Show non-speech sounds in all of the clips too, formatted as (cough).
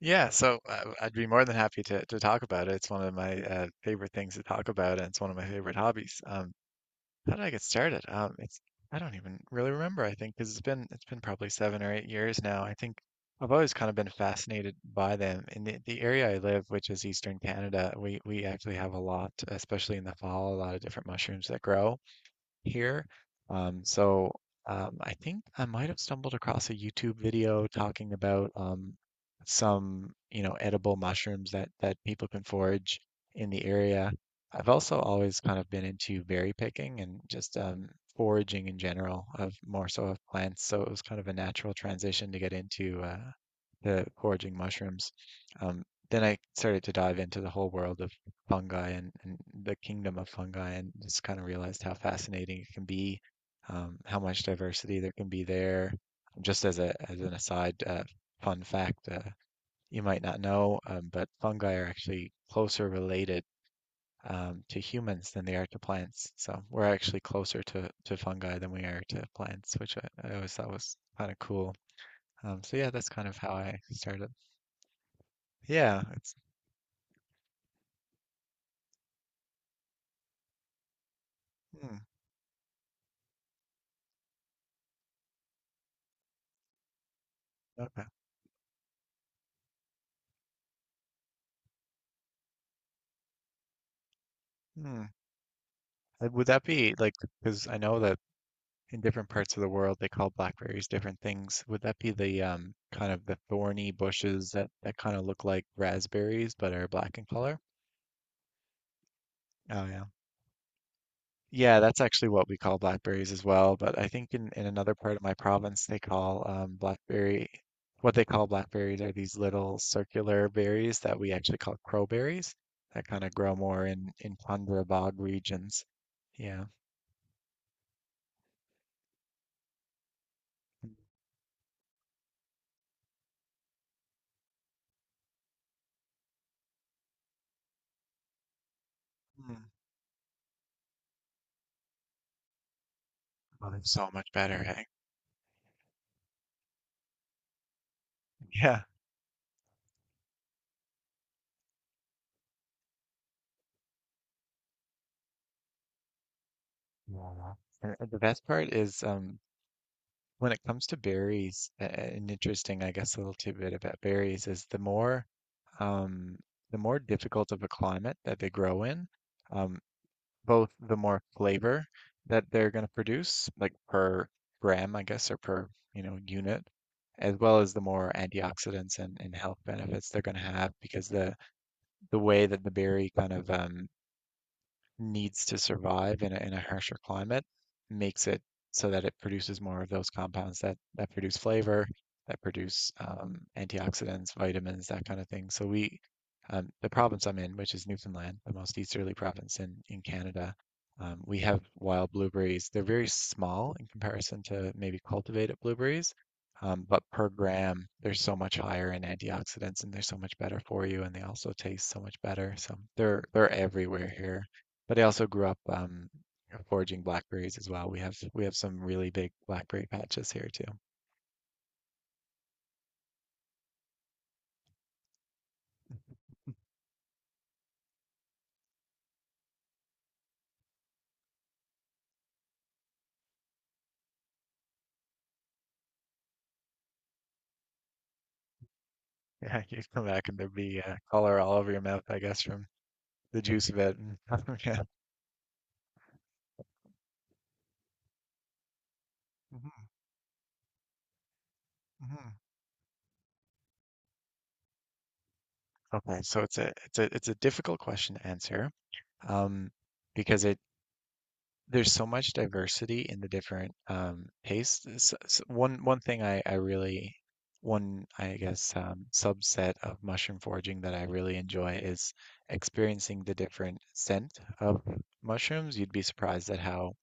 Yeah, so I'd be more than happy to talk about it. It's one of my favorite things to talk about, and it's one of my favorite hobbies. How did I get started? It's I don't even really remember. I think because it's been probably 7 or 8 years now. I think I've always kind of been fascinated by them. In the area I live, which is Eastern Canada, we actually have a lot, especially in the fall, a lot of different mushrooms that grow here. Um, so I think I might have stumbled across a YouTube video talking about some, you know, edible mushrooms that people can forage in the area. I've also always kind of been into berry picking and just foraging in general, of more so of plants. So it was kind of a natural transition to get into the foraging mushrooms. Um, then I started to dive into the whole world of fungi and the kingdom of fungi and just kind of realized how fascinating it can be, how much diversity there can be there. Just as a as an aside, fun fact, you might not know, but fungi are actually closer related to humans than they are to plants. So we're actually closer to fungi than we are to plants, which I always thought was kind of cool. So yeah, that's kind of how I started. Yeah, it's hmm, okay. Hmm. Would that be like, because I know that in different parts of the world they call blackberries different things. Would that be the kind of the thorny bushes that kind of look like raspberries but are black in color? Oh yeah. Yeah, that's actually what we call blackberries as well, but I think in another part of my province they call blackberry what they call blackberries are these little circular berries that we actually call crowberries that kind of grow more in tundra bog regions. Yeah. Mm. Well, it's so much better, eh? (laughs) Yeah. Yeah. And the best part is when it comes to berries, an interesting, I guess, little tidbit about berries is um, the more difficult of a climate that they grow in, um, both the more flavor that they're going to produce, like per gram, I guess, or per, you know, unit, as well as the more antioxidants and health benefits they're going to have because the way that the berry kind of needs to survive in a harsher climate makes it so that it produces more of those compounds that produce flavor, that produce antioxidants, vitamins, that kind of thing. The province I'm in, which is Newfoundland, the most easterly province in Canada, we have wild blueberries. They're very small in comparison to maybe cultivated blueberries, but per gram, they're so much higher in antioxidants and they're so much better for you, and they also taste so much better. So they're everywhere here. But I also grew up foraging blackberries as well. We have some really big blackberry patches here too. Yeah, you come back and there'd be color all over your mouth, I guess, from the juice of it. (laughs) Yeah. Mhm, mhm. Okay, so it's a it's a it's a difficult question to answer, um, because it there's so much diversity in the different tastes. One thing I really one I guess subset of mushroom foraging that I really enjoy is experiencing the different scent of mushrooms. You'd be surprised at how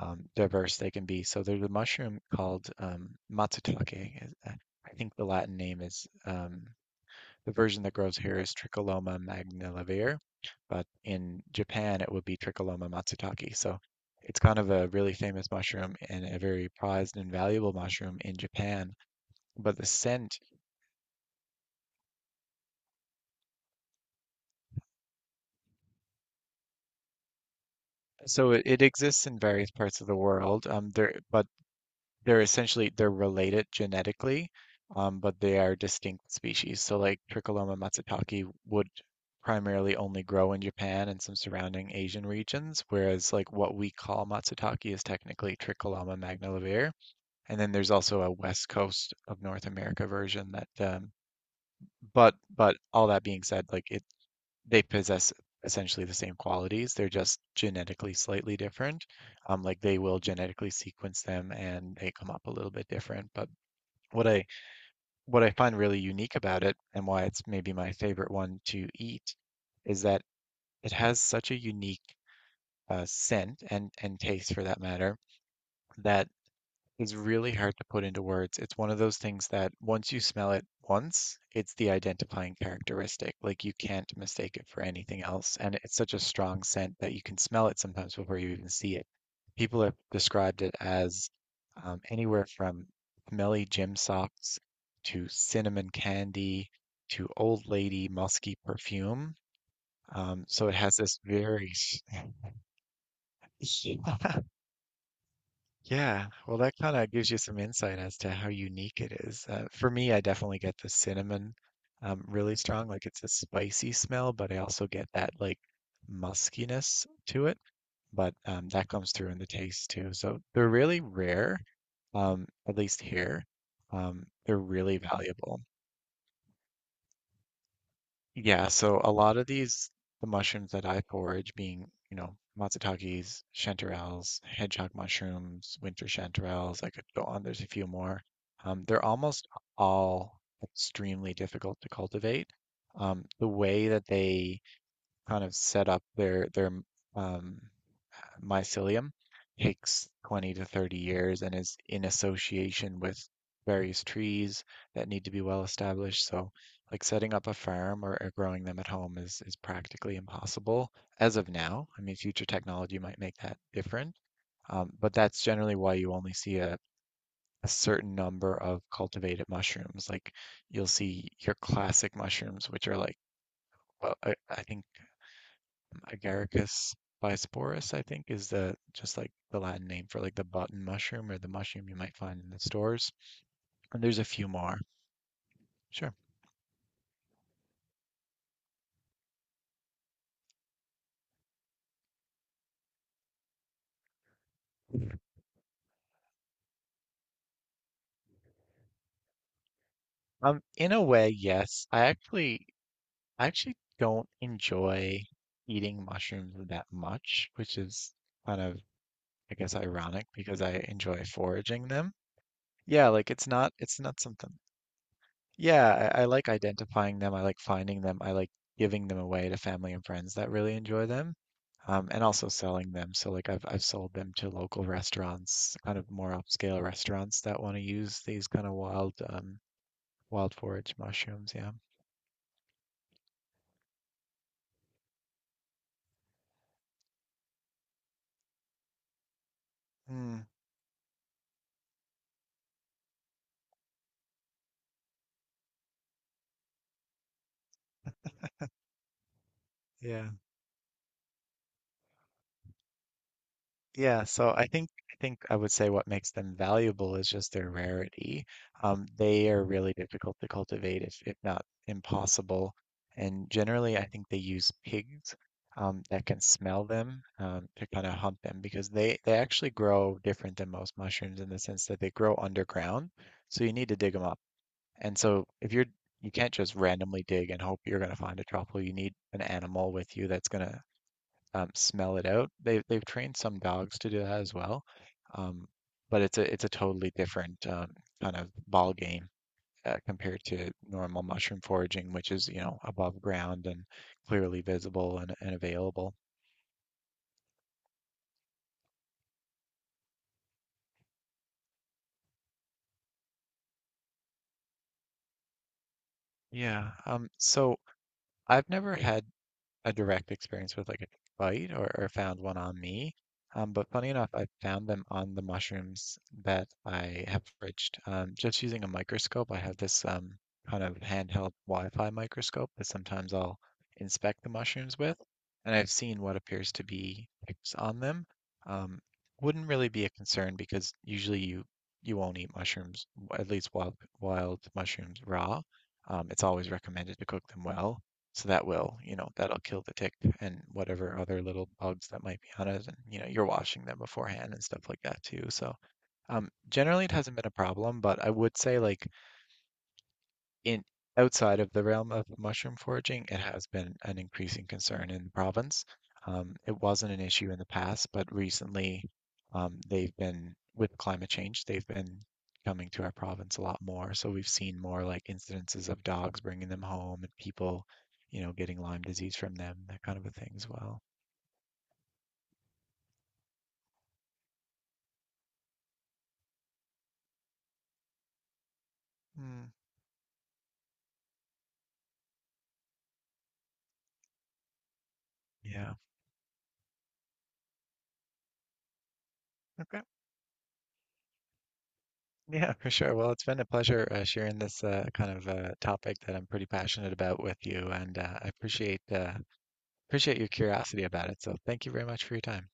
diverse they can be. So there's a mushroom called matsutake. I think the Latin name is the version that grows here is Tricholoma magnivelare, but in Japan it would be Tricholoma matsutake. So it's kind of a really famous mushroom and a very prized and valuable mushroom in Japan. But the scent, it exists in various parts of the world. But they're essentially they're related genetically, but they are distinct species. So like Tricholoma matsutake would primarily only grow in Japan and some surrounding Asian regions, whereas like what we call matsutake is technically Tricholoma magnivelare. And then there's also a West Coast of North America version that but all that being said, like it they possess essentially the same qualities. They're just genetically slightly different. Like they will genetically sequence them and they come up a little bit different. But what I what I find really unique about it and why it's maybe my favorite one to eat is that it has such a unique scent and taste for that matter that is really hard to put into words. It's one of those things that once you smell it once, it's the identifying characteristic. Like you can't mistake it for anything else. And it's such a strong scent that you can smell it sometimes before you even see it. People have described it as anywhere from smelly gym socks to cinnamon candy to old lady musky perfume. So it has this very (laughs) (laughs) yeah, well, that kind of gives you some insight as to how unique it is. For me, I definitely get the cinnamon really strong. Like it's a spicy smell, but I also get that like muskiness to it. But that comes through in the taste too. So they're really rare, at least here. They're really valuable. Yeah, so a lot of these, the mushrooms that I forage being, you know, matsutakis, chanterelles, hedgehog mushrooms, winter chanterelles, I could go on, there's a few more. They're almost all extremely difficult to cultivate. The way that they kind of set up their um, mycelium takes 20 to 30 years and is in association with various trees that need to be well established. So, like setting up a farm or growing them at home is practically impossible as of now. I mean, future technology might make that different, but that's generally why you only see a certain number of cultivated mushrooms. Like you'll see your classic mushrooms, which are like, well, I think Agaricus bisporus, I think, is the just like the Latin name for like the button mushroom or the mushroom you might find in the stores. And there's a few more. Sure. In a way, yes. I actually don't enjoy eating mushrooms that much, which is kind of, I guess, ironic because I enjoy foraging them. Yeah, like it's not something. Yeah, I like identifying them. I like finding them. I like giving them away to family and friends that really enjoy them. And also selling them. So like I've sold them to local restaurants, kind of more upscale restaurants that want to use these kind of wild wild forage mushrooms. Yeah. Mm, yeah. Yeah, so I think I would say what makes them valuable is just their rarity. They are really difficult to cultivate, if not impossible. And generally, I think they use pigs that can smell them to kind of hunt them because they actually grow different than most mushrooms in the sense that they grow underground, so you need to dig them up. And so if you're you can't just randomly dig and hope you're going to find a truffle. You need an animal with you that's going to smell it out. They've trained some dogs to do that as well, um, but it's a totally different kind of ball game compared to normal mushroom foraging, which is you know above ground and clearly visible and available. Yeah. So I've never had a direct experience with like a bite or found one on me. But funny enough, I found them on the mushrooms that I have fridged. Just using a microscope, I have this kind of handheld Wi-Fi microscope that sometimes I'll inspect the mushrooms with, and I've seen what appears to be ticks on them. Um, wouldn't really be a concern because usually you won't eat mushrooms, at least wild mushrooms raw. It's always recommended to cook them well. So that will, you know, that'll kill the tick and whatever other little bugs that might be on it. And, you know, you're washing them beforehand and stuff like that too. So, generally it hasn't been a problem, but I would say like in outside of the realm of mushroom foraging, it has been an increasing concern in the province. It wasn't an issue in the past, but recently with climate change, they've been coming to our province a lot more. So we've seen more like incidences of dogs bringing them home and people, you know, getting Lyme disease from them, that kind of a thing as well. Mm, yeah. Okay. Yeah, for sure. Well, it's been a pleasure sharing this topic that I'm pretty passionate about with you, and I appreciate appreciate your curiosity about it. So thank you very much for your time.